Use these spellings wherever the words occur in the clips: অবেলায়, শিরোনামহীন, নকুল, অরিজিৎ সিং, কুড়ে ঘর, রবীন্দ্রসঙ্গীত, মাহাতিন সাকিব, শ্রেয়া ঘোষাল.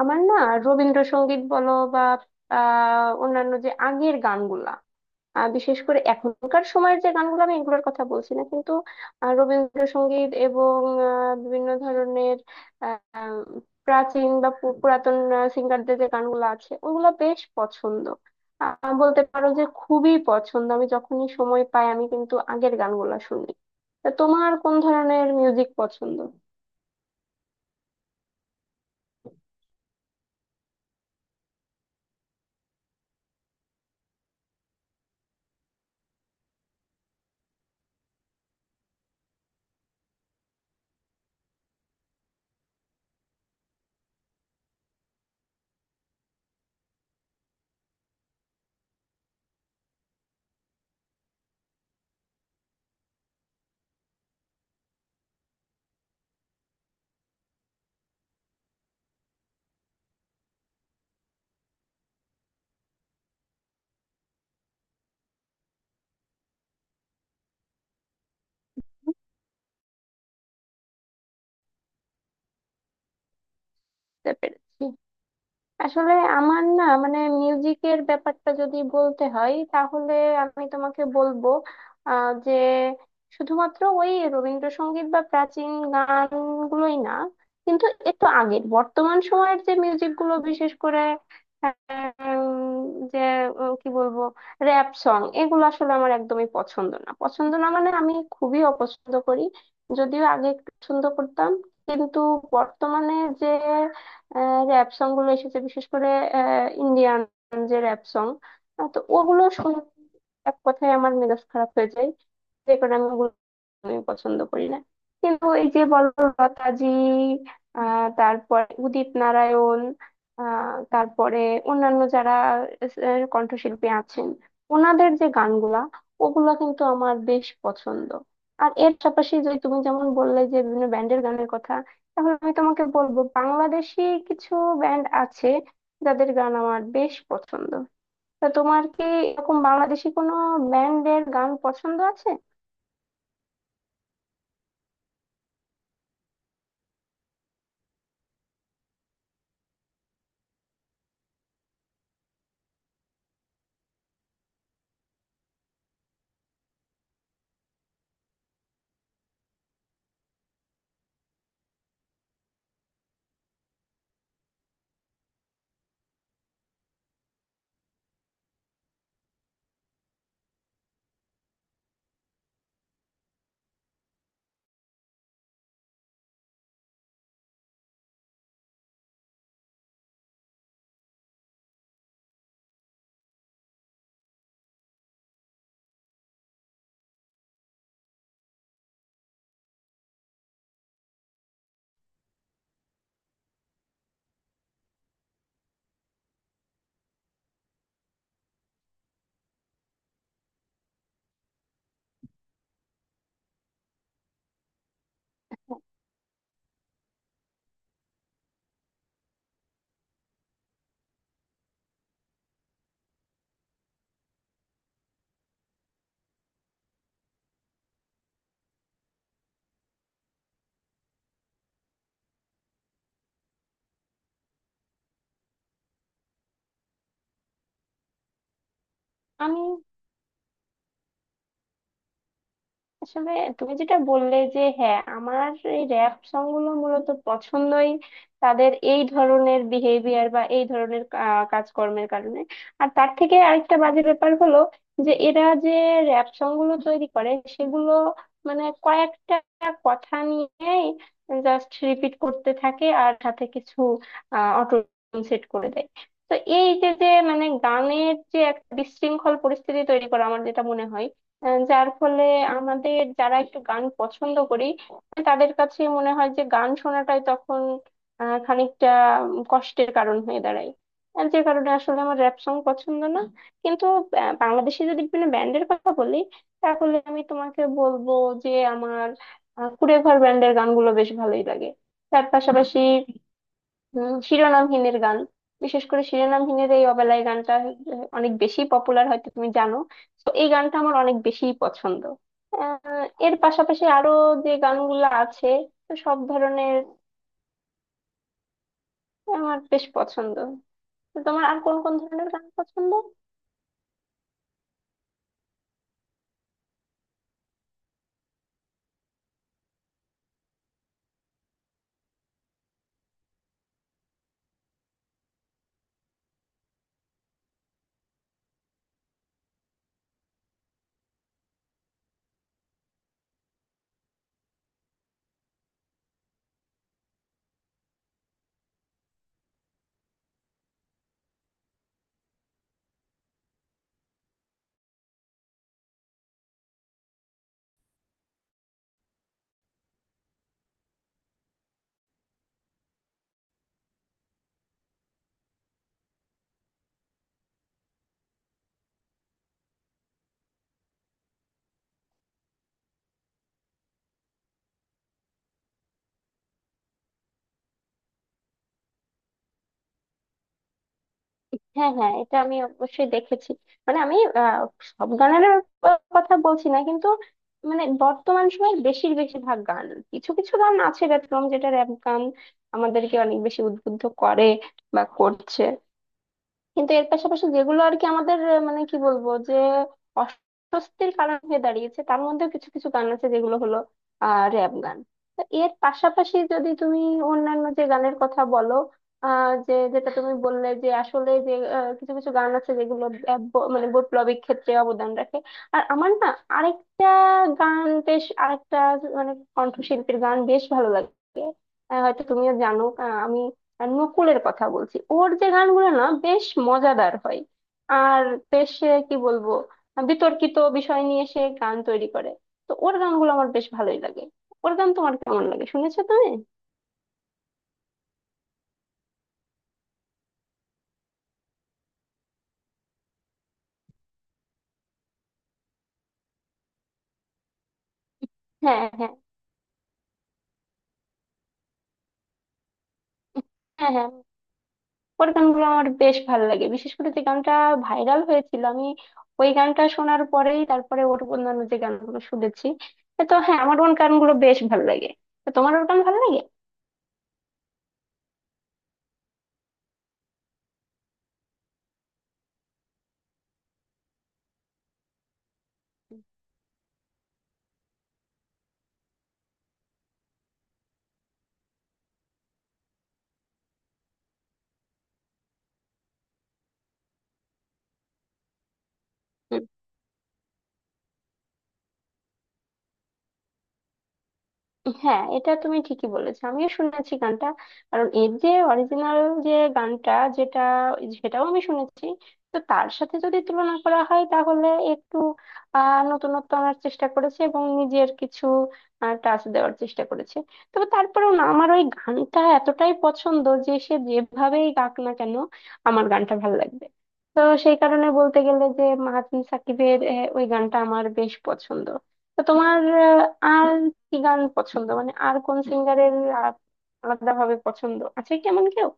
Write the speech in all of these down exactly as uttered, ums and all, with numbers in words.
আমার না, রবীন্দ্রসঙ্গীত বলো বা আহ অন্যান্য যে আগের গানগুলা, আহ, বিশেষ করে এখনকার সময়ের যে গানগুলো আমি এগুলোর কথা বলছি না কিন্তু আহ, রবীন্দ্রসঙ্গীত এবং আহ, বিভিন্ন ধরনের আহ, প্রাচীন বা পু- পুরাতন সিঙ্গারদের যে গানগুলো আছে ওগুলো বেশ পছন্দ। আহ, বলতে পারো যে খুবই পছন্দ, আমি যখনই সময় পাই আমি কিন্তু আগের গানগুলো শুনি। তা তোমার কোন ধরনের মিউজিক পছন্দ? বুঝতে পেরেছি। আসলে আমার না, মানে মিউজিকের ব্যাপারটা যদি বলতে হয় তাহলে আমি তোমাকে বলবো আহ, যে শুধুমাত্র ওই রবীন্দ্রসঙ্গীত বা প্রাচীন গানগুলোই না, কিন্তু একটু আগের বর্তমান সময়ের যে মিউজিকগুলো, বিশেষ করে উম, যে উম, কি বলবো, র্যাপ সং, এগুলো আসলে আমার একদমই পছন্দ না, পছন্দ না মানে আমি খুবই অপছন্দ করি। যদিও আগে একটু পছন্দ করতাম, কিন্তু বর্তমানে যে আহ, যে র্যাপ সং গুলো এসেছে, বিশেষ করে ইন্ডিয়ান যে র্যাপ সং, তো ওগুলো শুনে এক কথায় আমার মেজাজ খারাপ হয়ে যায়। রেকর্ড আমি ওগুলো, আমি পছন্দ করি না। কিন্তু এই যে বলো লতাজি, আহ তারপরে উদিত নারায়ণ, আহ তারপরে অন্যান্য যারা আহ, কণ্ঠশিল্পী আছেন ওনাদের যে গানগুলা, ওগুলা কিন্তু আমার বেশ পছন্দ। আর এর পাশাপাশি যদি তুমি যেমন বললে যে বিভিন্ন ব্যান্ডের গানের কথা, তাহলে আমি তোমাকে বলবো বাংলাদেশি কিছু ব্যান্ড আছে যাদের গান আমার বেশ পছন্দ। তা তোমার কি এরকম বাংলাদেশি কোনো ব্যান্ডের গান পছন্দ আছে? আমি আসলে তুমি যেটা বললে যে হ্যাঁ, আমার এই র‍্যাপ সং গুলো মূলত পছন্দই, তাদের এই ধরনের বিহেভিয়ার বা এই ধরনের কা- কাজকর্মের কারণে। আর তার থেকে আরেকটা বাজে ব্যাপার হলো, যে এরা যে র‍্যাপ সং গুলো তৈরি করে সেগুলো মানে কয়েকটা কথা নিয়েই জাস্ট রিপিট করতে থাকে, আর সাথে কিছু অটো সেট করে দেয়। তো এই যে যে মানে গানের যে একটা বিশৃঙ্খল পরিস্থিতি তৈরি করা, আমার যেটা মনে হয় আহ যার ফলে আমাদের যারা একটু গান পছন্দ করি তাদের কাছে মনে হয় যে গান শোনাটাই তখন আহ, খানিকটা উম, কষ্টের কারণ হয়ে দাঁড়ায়। আর যে কারণে আসলে আমার র্যাপ সং পছন্দ না। কিন্তু আহ, বাংলাদেশে যদি বিভিন্ন ব্যান্ডের কথা বলি, তাহলে আমি তোমাকে বলবো যে আমার আহ, কুড়ে ঘর ব্যান্ডের গানগুলো বেশ ভালোই লাগে। তার পাশাপাশি উম, শিরোনামহীনের গান, বিশেষ করে শিরোনামহীনের এই অবেলায় গানটা আহ, অনেক বেশি পপুলার, হয়তো তুমি জানো। তো এই গানটা আমার অনেক বেশি পছন্দ। আহ, এর পাশাপাশি আরো যে গানগুলো আছে, তো সব ধরনের আমার বেশ পছন্দ। তো তোমার আর কোন কোন ধরনের গান পছন্দ? হ্যাঁ, হ্যাঁ, এটা আমি অবশ্যই দেখেছি। মানে আমি আহ, সব গানের কথা বলছি না কিন্তু, মানে বর্তমান সময়ে বেশির বেশিরভাগ গান, কিছু কিছু গান আছে ব্যতিক্রম যেটা র‍্যাপ গান আমাদেরকে অনেক বেশি উদ্বুদ্ধ করে বা করছে, কিন্তু এর পাশাপাশি যেগুলো আর কি আমাদের আহ, মানে কি বলবো, যে অস্বস্তির কারণ হয়ে দাঁড়িয়েছে তার মধ্যেও কিছু কিছু গান আছে যেগুলো হলো আহ র্যাপ গান। তো এর পাশাপাশি যদি তুমি অন্যান্য যে গানের কথা বলো, আহ যে যেটা তুমি বললে যে আসলে যে আহ, কিছু কিছু গান আছে যেগুলো আহ, ব- মানে বৈপ্লবিক ক্ষেত্রে অবদান রাখে। আর আমার না আরেকটা গান বেশ, আরেকটা মানে কণ্ঠশিল্পীর গান বেশ ভালো লাগে, আহ হয়তো তুমিও জানো, আহ আমি নকুলের কথা বলছি। ওর যে গানগুলো না বেশ মজাদার হয়, আর বেশ আহ, কি বলবো, বিতর্কিত বিষয় নিয়ে সে গান তৈরি করে। তো ওর গানগুলো আমার বেশ ভালোই লাগে। ওর গান তোমার কেমন লাগে, শুনেছো তুমি? হ্যাঁ, হ্যাঁ। হ্যাঁ, হ্যাঁ, ওর গানগুলো আমার বেশ ভালো লাগে, বিশেষ করে যে গানটা ভাইরাল হয়েছিল, আমি ওই গানটা শোনার পরেই তারপরে ওর অন্যান্য যে গানগুলো শুনেছি। তো হ্যাঁ, আমার ওর গানগুলো বেশ ভালো লাগে। তো তোমার ওর গান ভালো লাগে? হ্যাঁ, এটা তুমি ঠিকই বলেছো, আমিও শুনেছি গানটা। কারণ এর যে অরিজিনাল যে গানটা, যেটা, সেটাও আমি শুনেছি। তো তার সাথে যদি তুলনা করা হয় তাহলে একটু আহ নতুনত্ব আনার চেষ্টা করেছে এবং নিজের কিছু টাচ দেওয়ার চেষ্টা করেছে। তবে তারপরেও না, আমার ওই গানটা এতটাই পছন্দ যে সে যেভাবেই গাক না কেন আমার গানটা ভালো লাগবে। তো সেই কারণে বলতে গেলে যে মাহাতিন সাকিবের আহ, ওই গানটা আমার বেশ পছন্দ। তো তোমার আহ, আর কি গান পছন্দ, মানে আর কোন সিঙ্গারের আলাদা ভাবে পছন্দ আছে, কেমন কেউ?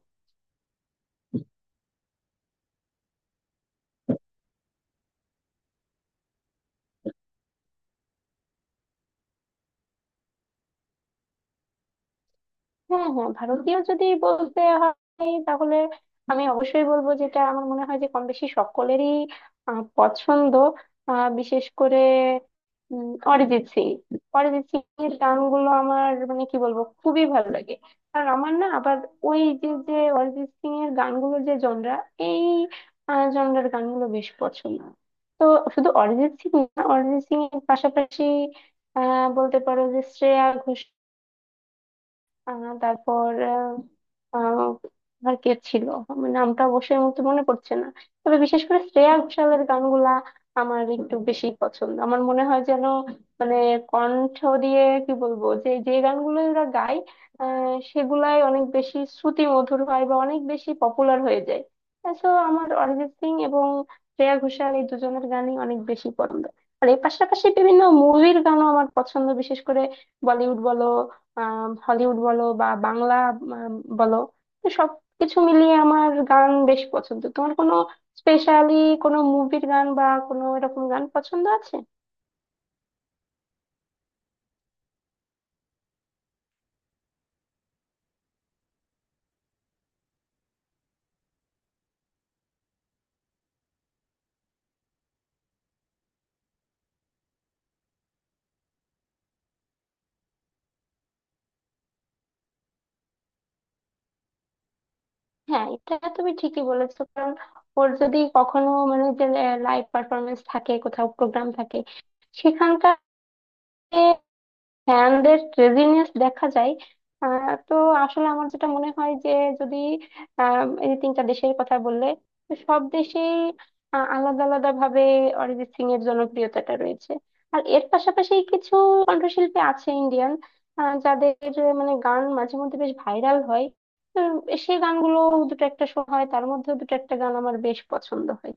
হ্যাঁ, হ্যাঁ, ভারতীয় যদি বলতে হয় তাহলে আমি অবশ্যই বলবো যেটা আমার মনে হয় যে কম বেশি সকলেরই আহ, পছন্দ, আহ, বিশেষ করে উম, অরিজিৎ সিং। অরিজিৎ সিং এর গানগুলো আমার মানে কি বলবো, খুবই ভালো লাগে। কারণ আমার না আবার ওই যে যে অরিজিৎ সিং এর গানগুলোর যে জনরা, এই জনরার গানগুলো বেশ পছন্দ। তো শুধু অরিজিৎ সিং না, অরিজিৎ সিং এর পাশাপাশি আহ বলতে পারো যে শ্রেয়া ঘোষাল, আহ তারপর আহ, আহ, আর কে ছিল, আমার নামটা অবশ্যই মতো মনে পড়ছে না। তবে বিশেষ করে শ্রেয়া ঘোষালের গানগুলা আমার একটু বেশি পছন্দ, আমার মনে হয় যেন মানে কণ্ঠ দিয়ে কি বলবো, যে যে গানগুলো ওরা গায় আহ সেগুলাই অনেক বেশি শ্রুতি মধুর হয় বা অনেক বেশি পপুলার হয়ে যায়। তো আমার অরিজিৎ সিং এবং শ্রেয়া ঘোষাল এই দুজনের গানই অনেক বেশি পছন্দ। আর এর পাশাপাশি বিভিন্ন মুভির গানও আমার পছন্দ, বিশেষ করে বলিউড বলো, হলিউড বলো, বা বাংলা আম, বলো। তো সবকিছু মিলিয়ে আমার গান বেশ পছন্দ। তোমার কোনো স্পেশালি কোনো মুভির গান বা কোনো এরকম গান পছন্দ আছে? হ্যাঁ, এটা তুমি ঠিকই বলেছো। কারণ ওর যদি কখনো মানে যে লাইভ পারফরমেন্স থাকে, কোথাও প্রোগ্রাম থাকে, সেখানকার ফ্যানদের ক্রেজিনেস দেখা যায়। আহ, তো আসলে আমার যেটা মনে হয় যে, যদি আহ, এই যে তিনটা দেশের কথা বললে, তো সব দেশেই আহ, আলাদা আলাদা ভাবে অরিজিৎ সিং এর জনপ্রিয়তাটা রয়েছে। আর এর পাশাপাশি কিছু কণ্ঠশিল্পী আছে ইন্ডিয়ান, যাদের আহ, মানে গান মাঝে মধ্যে বেশ ভাইরাল হয়। তো সেই গানগুলো দুটো একটা শো হয়, তার মধ্যেও দুটো একটা গান আমার বেশ পছন্দ হয়।